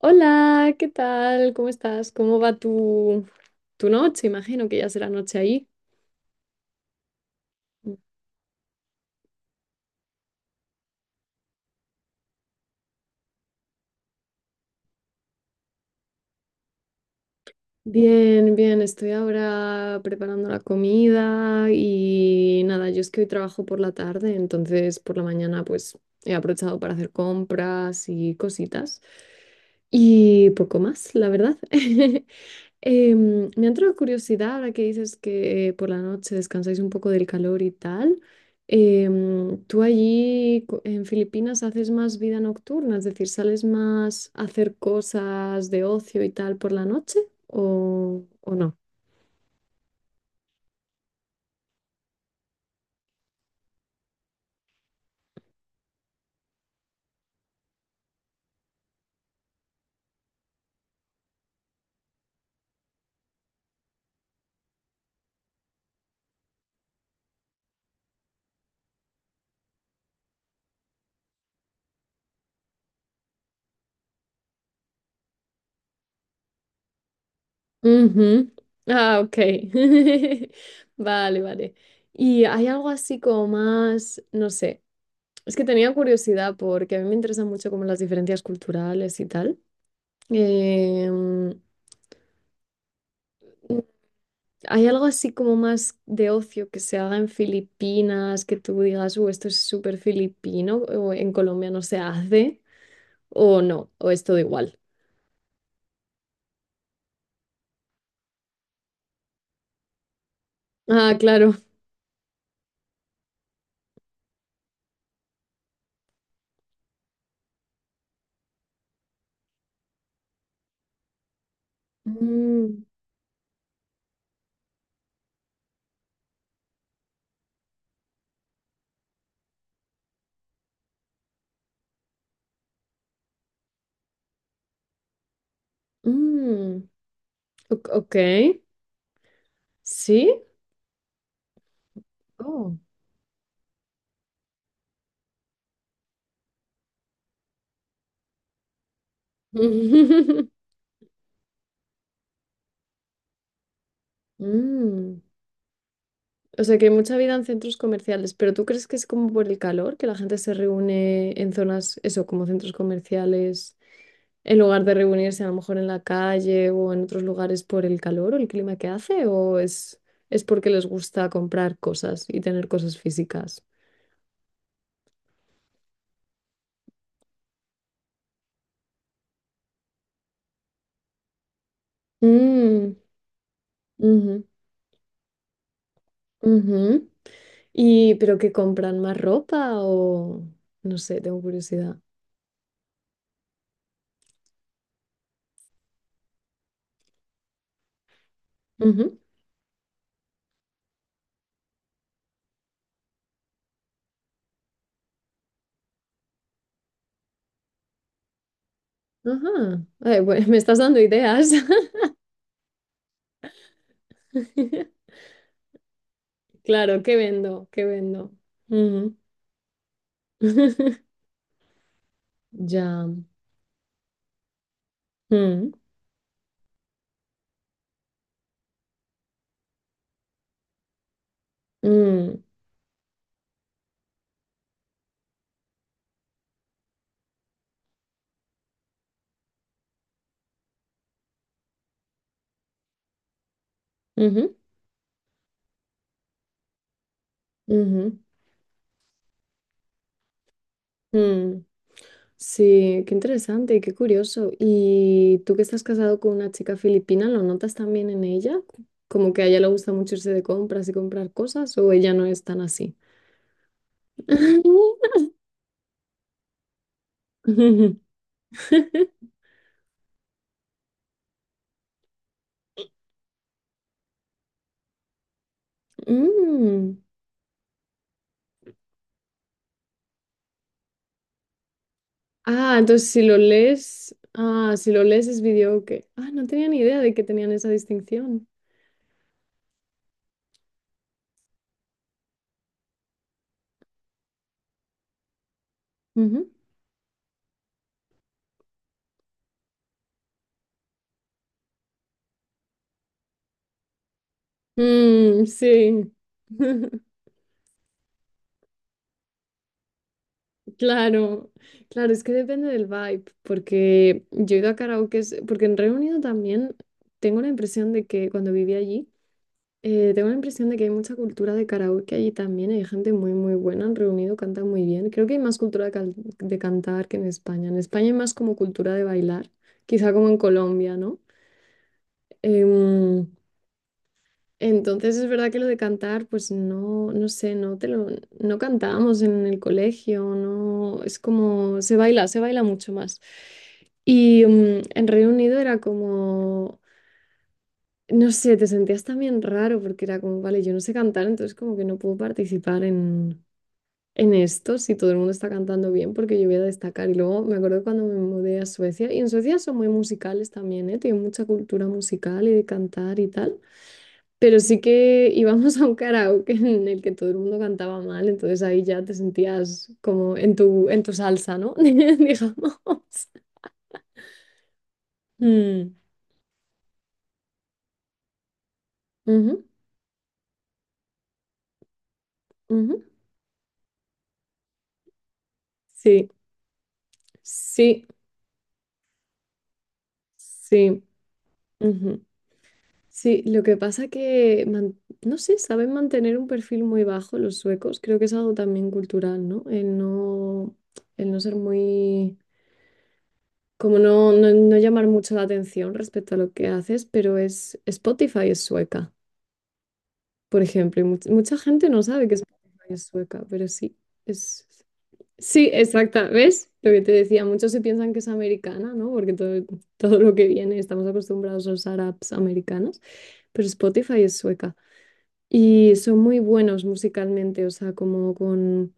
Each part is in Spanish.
Hola, ¿qué tal? ¿Cómo estás? ¿Cómo va tu noche? Imagino que ya será noche ahí. Bien, bien, estoy ahora preparando la comida y nada, yo es que hoy trabajo por la tarde, entonces por la mañana pues he aprovechado para hacer compras y cositas y poco más, la verdad. Me ha entrado curiosidad ahora que dices que por la noche descansáis un poco del calor y tal. ¿Tú allí en Filipinas haces más vida nocturna? Es decir, ¿sales más a hacer cosas de ocio y tal por la noche o no? Ujú. Ah, ok. Vale, vale. ¿Y hay algo así como más, no sé, es que tenía curiosidad porque a mí me interesan mucho como las diferencias culturales y tal. Em, ¿Hay algo así como más de ocio que se haga en Filipinas, que tú digas, esto es súper filipino, o en Colombia no se hace, o no, o es todo igual? Ah, claro. Mm, mm, ok, sí. Oh. Mm, o sea que hay mucha vida en centros comerciales, pero ¿tú crees que es como por el calor, que la gente se reúne en zonas, eso, como centros comerciales, en lugar de reunirse a lo mejor en la calle o en otros lugares por el calor o el clima que hace, o es porque les gusta comprar cosas y tener cosas físicas? Mm, ujú, ujú. Y, pero ¿que compran más ropa o no sé, tengo curiosidad? Ujú, ajá. Ay, bueno, me estás dando ideas. Claro, ¿qué vendo? ¿Qué vendo? Ujú. Ya. Mm, mm, ujú, ujú, mm. Sí, qué interesante y qué curioso. ¿Y tú que estás casado con una chica filipina, lo notas también en ella? Como que a ella le gusta mucho irse de compras y comprar cosas, o ella no es tan así. Mm. Ah, entonces si lo lees, ah, si lo lees es video. Ah, no tenía ni idea de que tenían esa distinción. Ujú. Mm, sí. Claro, claro, es que depende del vibe, porque yo he ido a karaokes, porque en Reino Unido también tengo la impresión de que cuando viví allí, tengo la impresión de que hay mucha cultura de karaoke allí también, hay gente muy, muy buena en Reino Unido, canta muy bien, creo que hay más cultura de, de cantar que en España hay más como cultura de bailar, quizá como en Colombia, ¿no? Em, entonces es verdad que lo de cantar, pues no, no sé, no te lo, no cantábamos en el colegio, no, es como se baila mucho más. Y mm, en Reino Unido era como, no sé, te sentías también raro porque era como, vale, yo no sé cantar, entonces como que no puedo participar en esto si todo el mundo está cantando bien porque yo voy a destacar. Y luego me acuerdo cuando me mudé a Suecia, y en Suecia son muy musicales también, ¿eh? Tienen mucha cultura musical y de cantar y tal. Pero sí que íbamos a un karaoke en el que todo el mundo cantaba mal, entonces ahí ya te sentías como en en tu salsa, ¿no? Digamos. Mm, ujú, ujú. Sí, sí, sí. Ujú. Sí, lo que pasa que, no sé, saben mantener un perfil muy bajo los suecos. Creo que es algo también cultural, ¿no? El no, el no ser muy, como no, no, no llamar mucho la atención respecto a lo que haces, pero es Spotify es sueca, por ejemplo. Y mucha gente no sabe que Spotify es sueca, pero sí, es... Sí, exacta, ¿ves? Lo que te decía, muchos se piensan que es americana, ¿no? Porque todo, todo lo que viene, estamos acostumbrados a usar apps americanas, pero Spotify es sueca. Y son muy buenos musicalmente, o sea, como con...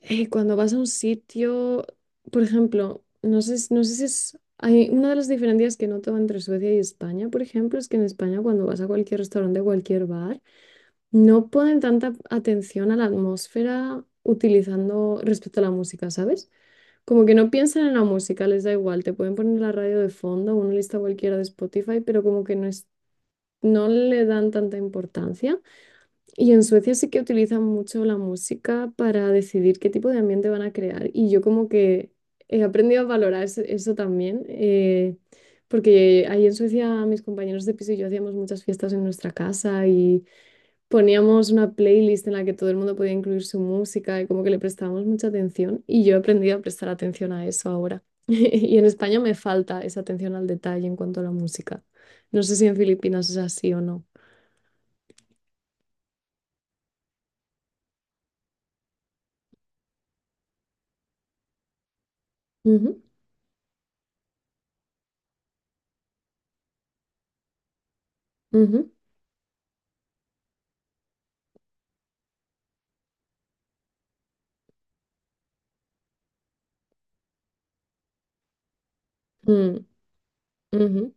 cuando vas a un sitio, por ejemplo, no sé, no sé si es... Hay una de las diferencias que noto entre Suecia y España, por ejemplo, es que en España cuando vas a cualquier restaurante, a cualquier bar, no ponen tanta atención a la atmósfera utilizando respecto a la música, ¿sabes? Como que no piensan en la música, les da igual, te pueden poner la radio de fondo, una lista cualquiera de Spotify, pero como que no es, no le dan tanta importancia. Y en Suecia sí que utilizan mucho la música para decidir qué tipo de ambiente van a crear. Y yo como que he aprendido a valorar eso, también. Porque ahí en Suecia mis compañeros de piso y yo hacíamos muchas fiestas en nuestra casa, poníamos una playlist en la que todo el mundo podía incluir su música y como que le prestábamos mucha atención y yo he aprendido a prestar atención a eso ahora. Y en España me falta esa atención al detalle en cuanto a la música. No sé si en Filipinas es así o no. Ujú, ujú, mm, ujú,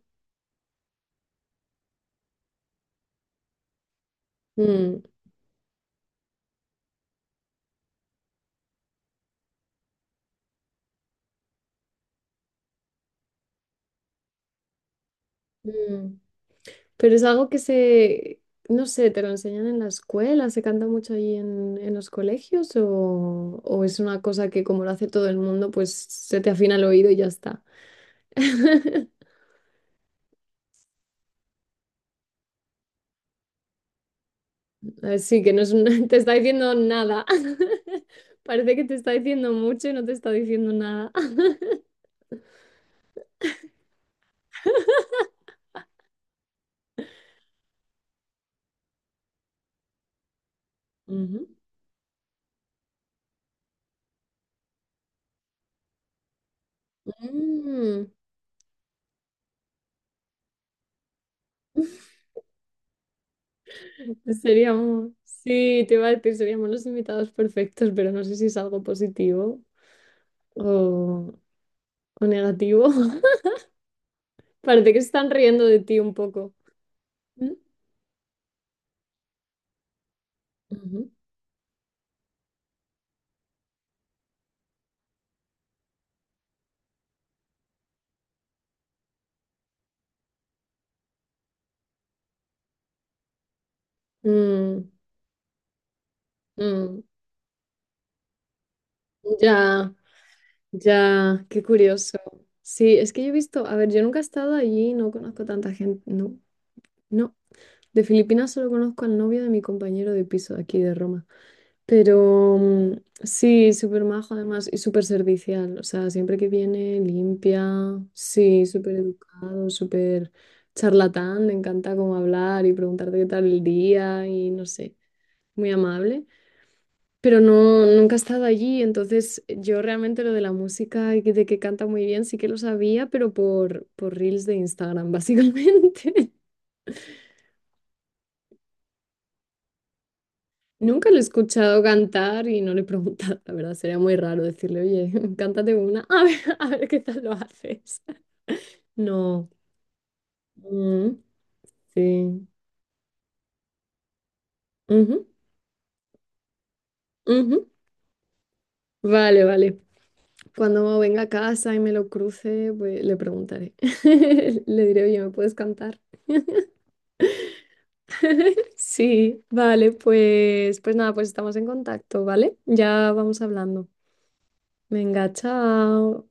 mm, mm. Pero es algo que se, no sé, ¿te lo enseñan en la escuela, se canta mucho ahí en los colegios o es una cosa que como lo hace todo el mundo, pues se te afina el oído y ya está? Así que no es te está diciendo nada. Parece que te está diciendo mucho y no te está diciendo nada. Ujú. Mm. Seríamos, sí, te iba a decir, seríamos los invitados perfectos, pero no sé si es algo positivo o, o negativo. Parece que se están riendo de ti un poco. ¿Mm? Ujú. Mm, mm, ya, ya, qué curioso. Sí, es que yo he visto, a ver, yo nunca he estado allí, no conozco tanta gente, no, no. De Filipinas solo conozco al novio de mi compañero de piso de aquí de Roma. Pero mm, sí, súper majo además y súper servicial. O sea, siempre que viene limpia, sí, súper educado, súper charlatán. Le encanta como hablar y preguntarte qué tal el día y no sé, muy amable. Pero no, nunca he estado allí, entonces yo realmente lo de la música y de que canta muy bien sí que lo sabía, pero por reels de Instagram, básicamente. Nunca lo he escuchado cantar y no le he preguntado, la verdad, sería muy raro decirle, oye, cántate una, a ver qué tal lo haces. No. Mm, sí. Ujú, ujú. Vale, vale. Cuando venga a casa y me lo cruce, pues le preguntaré. Le diré, oye, ¿me puedes cantar? Sí, vale, pues, pues nada, pues estamos en contacto, ¿vale? Ya vamos hablando. Venga, chao.